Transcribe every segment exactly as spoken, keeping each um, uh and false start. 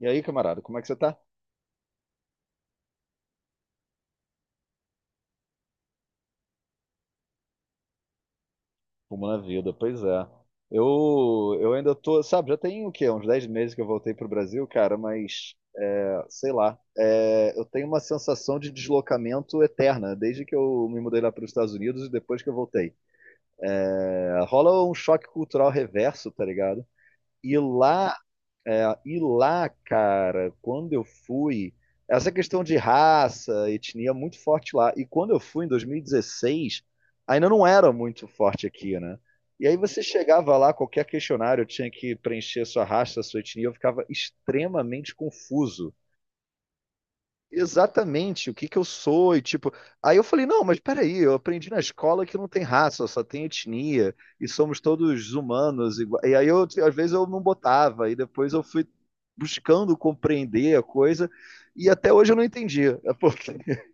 E aí, camarada, como é que você tá? Como na vida, pois é. Eu, eu ainda tô, sabe, já tem o quê? Uns dez meses que eu voltei pro Brasil, cara, mas é, sei lá. É, eu tenho uma sensação de deslocamento eterna, desde que eu me mudei lá para os Estados Unidos e depois que eu voltei. É, rola um choque cultural reverso, tá ligado? E lá É, e lá, cara, quando eu fui, essa questão de raça, etnia é muito forte lá. E quando eu fui em dois mil e dezesseis, ainda não era muito forte aqui, né? E aí você chegava lá, qualquer questionário tinha que preencher sua raça, sua etnia, eu ficava extremamente confuso exatamente o que que eu sou e tipo, aí eu falei, não, mas peraí, eu aprendi na escola que não tem raça, só tem etnia e somos todos humanos igua- E aí eu às vezes eu não botava e depois eu fui buscando compreender a coisa e até hoje eu não entendi, é porque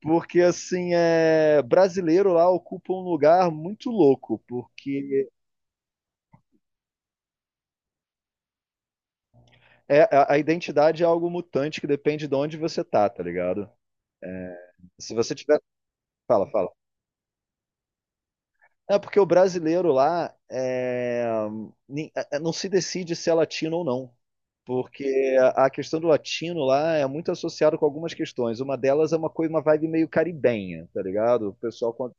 porque assim é brasileiro lá ocupa um lugar muito louco, porque é a, a identidade é algo mutante que depende de onde você tá, tá ligado? Se você tiver, fala, fala. É porque o brasileiro lá é, ni- é, é, não se decide se é latino ou não. Porque a a questão do latino lá é muito associada com algumas questões. Uma delas é uma coisa, uma vibe meio caribenha, tá ligado? O pessoal quando-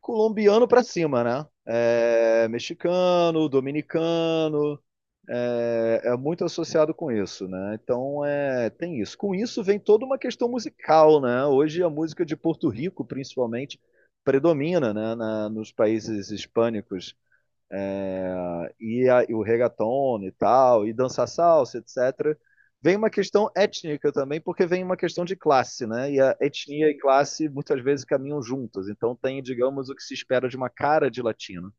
colombiano pra cima, né? É, mexicano, dominicano, é, é muito associado com isso, né? Então é, tem isso. Com isso vem toda uma questão musical, né? Hoje a música de Porto Rico, principalmente, predomina, né? na- nos países hispânicos ah, e, a- e o reggaeton e tal e dança salsa, etcétera. Vem uma questão étnica também, porque vem uma questão de classe, né? E a etnia e classe muitas vezes caminham juntas. Então tem, digamos, o que se espera de uma cara de latino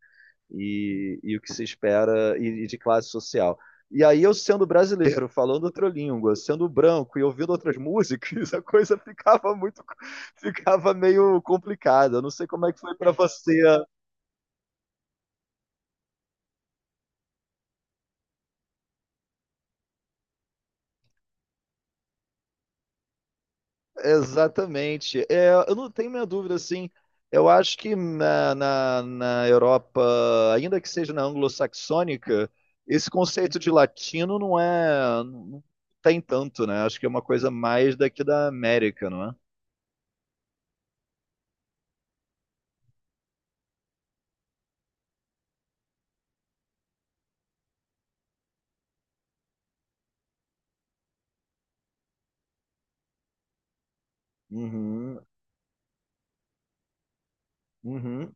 e, e o que se espera e, e de classe social. E aí eu sendo brasileiro, falando outra língua, sendo branco e ouvindo outras músicas, a coisa ficava muito, ficava meio complicada. Eu não sei como é que foi para você. Exatamente. É, eu não tenho minha dúvida, assim. Eu acho que na, na, na Europa, ainda que seja na anglo-saxônica, esse conceito de latino não é, não tem tanto, né? Acho que é uma coisa mais daqui da América, não é? Uhum, uhum,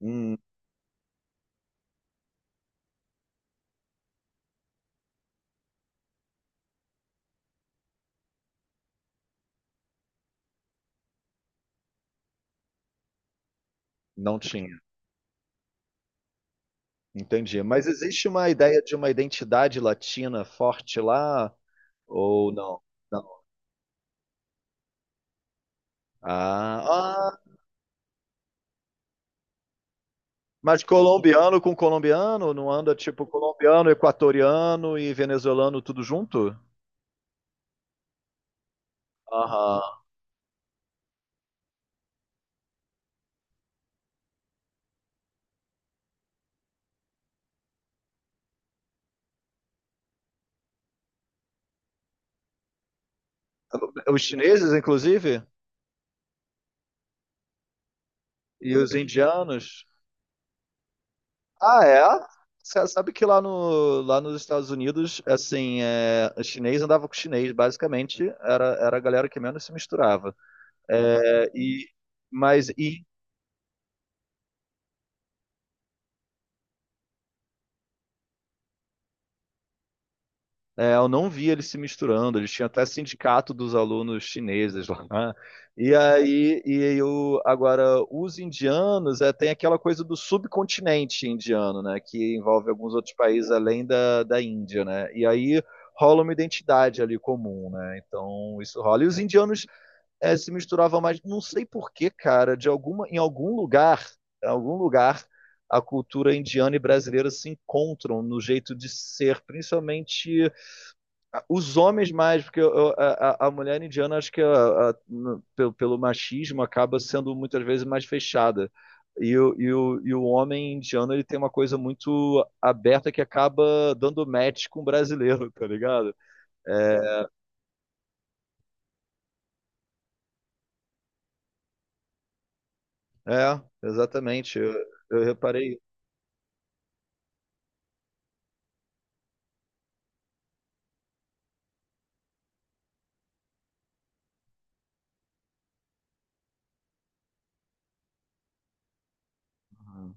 uhum. Não tinha. Entendi. Mas existe uma ideia de uma identidade latina forte lá? Ou não? Não. Ah, ah, mas colombiano com colombiano? Não anda tipo colombiano, equatoriano e venezuelano tudo junto? Aham. Os chineses, inclusive? E os indianos? Ah, é? Você sabe que lá, no, lá nos Estados Unidos, assim, é, chinês andava com chinês, basicamente, era, era a galera que menos se misturava. É, e, mas e é, eu não via eles se misturando, eles tinham até sindicato dos alunos chineses lá. Né? E aí, e eu, agora, os indianos, é, tem aquela coisa do subcontinente indiano, né, que envolve alguns outros países além da, da Índia, né, e aí rola uma identidade ali comum, né, então isso rola. E os indianos é, se misturavam mais, não sei por que, cara, de alguma, em algum lugar, em algum lugar, a cultura indiana e brasileira se encontram no jeito de ser, principalmente os homens mais, porque eu- eu- a, a- a mulher indiana, acho que a- a- n- pelo, pelo machismo, acaba sendo muitas vezes mais fechada. E, o- e, o, e o homem indiano, ele tem uma coisa muito aberta que acaba dando match com o brasileiro, tá ligado? É, é, exatamente. Eu, eu reparei. Uhum.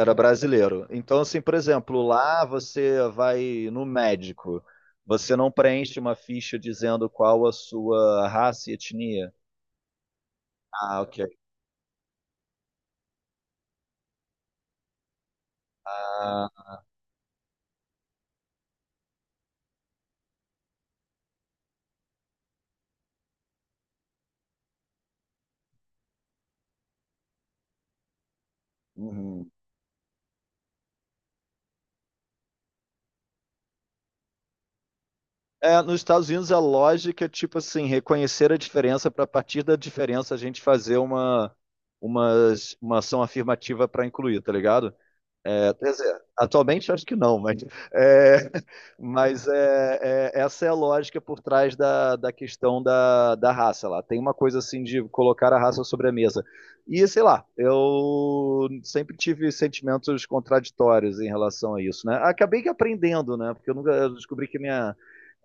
Era brasileiro. Então, assim, por exemplo, lá você vai no médico, você não preenche uma ficha dizendo qual a sua raça e etnia. Ah, ok. Ah, uhum. É, nos Estados Unidos a lógica é tipo assim, reconhecer a diferença para a partir da diferença a gente fazer uma, uma, uma ação afirmativa para incluir, tá ligado? É, quer dizer, atualmente acho que não, mas, é, mas é, é, essa é a lógica por trás da, da questão da, da raça lá. Tem uma coisa assim de colocar a raça sobre a mesa. E sei lá, eu sempre tive sentimentos contraditórios em relação a isso, né? Acabei que aprendendo, né? Porque eu nunca eu descobri que minha.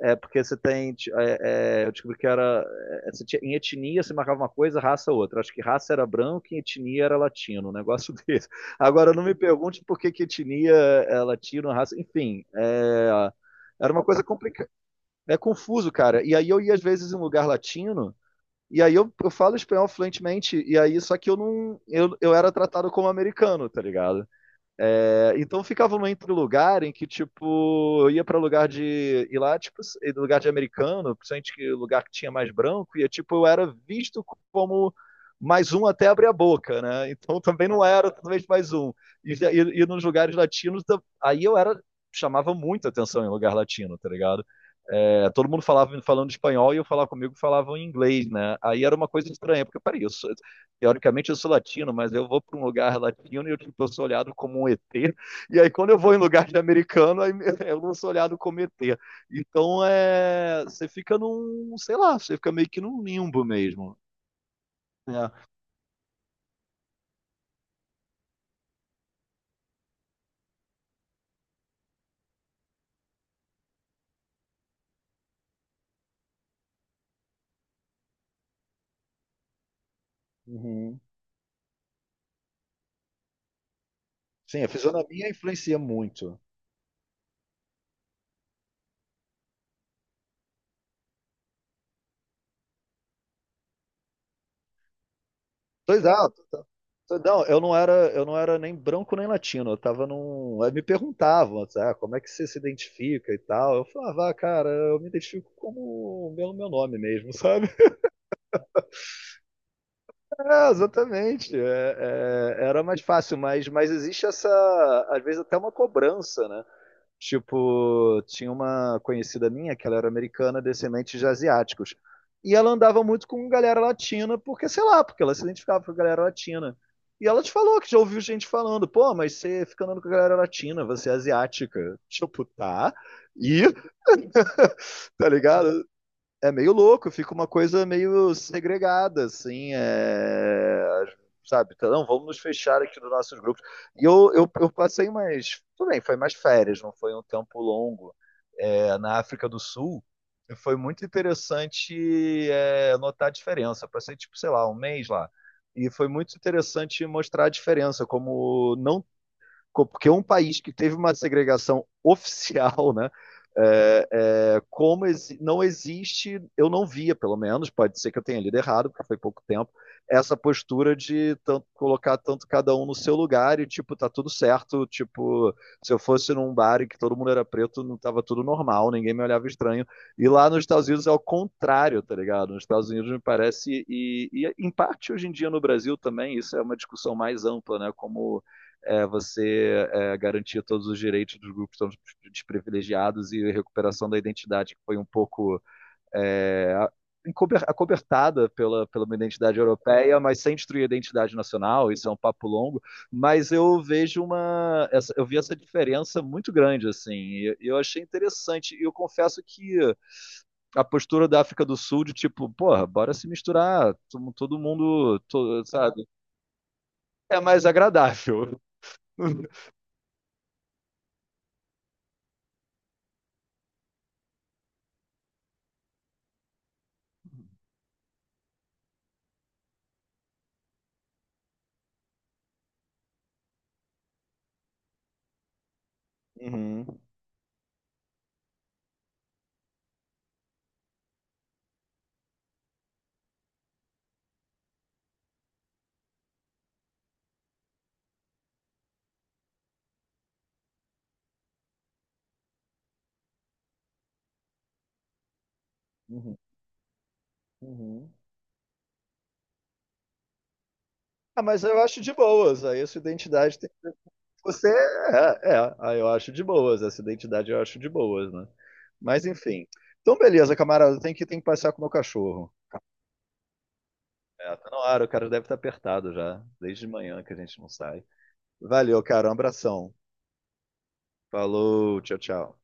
É porque você tem. Ti- é, é, eu descobri que era. É, você tinha- em etnia você marcava uma coisa, raça outra. Acho que raça era branco e etnia era latino, um negócio desse. Agora, não me pergunte por que que etnia, é latina, raça, enfim, é, era uma coisa complicada, é confuso, cara. E aí eu ia às vezes em um lugar latino, e aí eu, eu falo espanhol fluentemente, e aí só que eu não, eu, eu era tratado como americano, tá ligado? É, então ficava num entre lugar em que, tipo, eu ia pra lugar de. E lá, tipo, lugar de americano, principalmente que lugar que tinha mais branco, e tipo, eu era visto como mais um até abrir a boca, né? Então também não era talvez mais um. E, e, e nos lugares latinos, da- aí eu era chamava muita atenção em lugar latino, tá ligado? É, todo mundo falava falando espanhol e eu falava comigo falavam em inglês, né? Aí era uma coisa estranha, porque peraí, eu sou, teoricamente eu sou latino, mas eu vou para um lugar latino e eu, tipo, eu sou olhado como um E T. E aí quando eu vou em lugar de americano, aí eu não sou olhado como E T. Então é, você fica num, sei lá, você fica meio que num limbo mesmo. Né? Uhum. Sim, a fisionomia influencia muito. Pois é, pois não, eu não era, eu não era nem branco nem latino, eu tava num, aí me perguntavam, assim, ah, como é que você se identifica e tal. Eu falava, ah, cara, eu me identifico como pelo meu meu nome mesmo, sabe? É, exatamente. É, é, era mais fácil, mas, mas existe essa, às vezes até uma cobrança, né? Tipo, tinha uma conhecida minha que ela era americana, descendente de asiáticos. E ela andava muito com galera latina, porque, sei lá, porque ela se identificava com a galera latina. E ela te falou que já ouviu gente falando, pô, mas você fica andando com a galera latina, você é asiática. Tipo, tá. E, tá ligado? É meio louco, fica uma coisa meio segregada, assim, é... sabe? Então, não, vamos nos fechar aqui nos nossos grupos. E eu, eu, eu passei mais. Tudo bem, foi mais férias, não foi um tempo longo é, na África do Sul, foi muito interessante é, notar a diferença. Eu passei, tipo, sei lá, um mês lá. E foi muito interessante mostrar a diferença, como não porque um país que teve uma segregação oficial, né? É, é, como exi não existe, eu não via, pelo menos, pode ser que eu tenha lido errado, porque foi pouco tempo, essa postura de tanto, colocar tanto cada um no seu lugar e, tipo, tá tudo certo. Tipo, se eu fosse num bar e que todo mundo era preto, não tava tudo normal, ninguém me olhava estranho. E lá nos Estados Unidos é o contrário, tá ligado? Nos Estados Unidos me parece, e, e em parte hoje em dia no Brasil também, isso é uma discussão mais ampla, né? Como é, você é, garantir todos os direitos dos grupos tão desprivilegiados e recuperação da identidade que foi um pouco é, acobertada pela, pela uma identidade europeia, mas sem destruir a identidade nacional, isso é um papo longo, mas eu vejo uma, essa, eu vi essa diferença muito grande, assim, e eu achei interessante, e eu confesso que a postura da África do Sul de tipo, porra, bora se misturar, todo mundo, todo, sabe, é mais agradável. Uhum. Uhum. Uhum. Ah, mas eu acho de boas. Aí essa identidade tem. Você é, é, aí eu acho de boas. Essa identidade eu acho de boas, né? Mas enfim. Então, beleza, camarada. Tem que, tem que passear com o meu cachorro. É, tá na hora, o cara deve estar apertado já. Desde de manhã que a gente não sai. Valeu, cara. Um abração. Falou, tchau, tchau.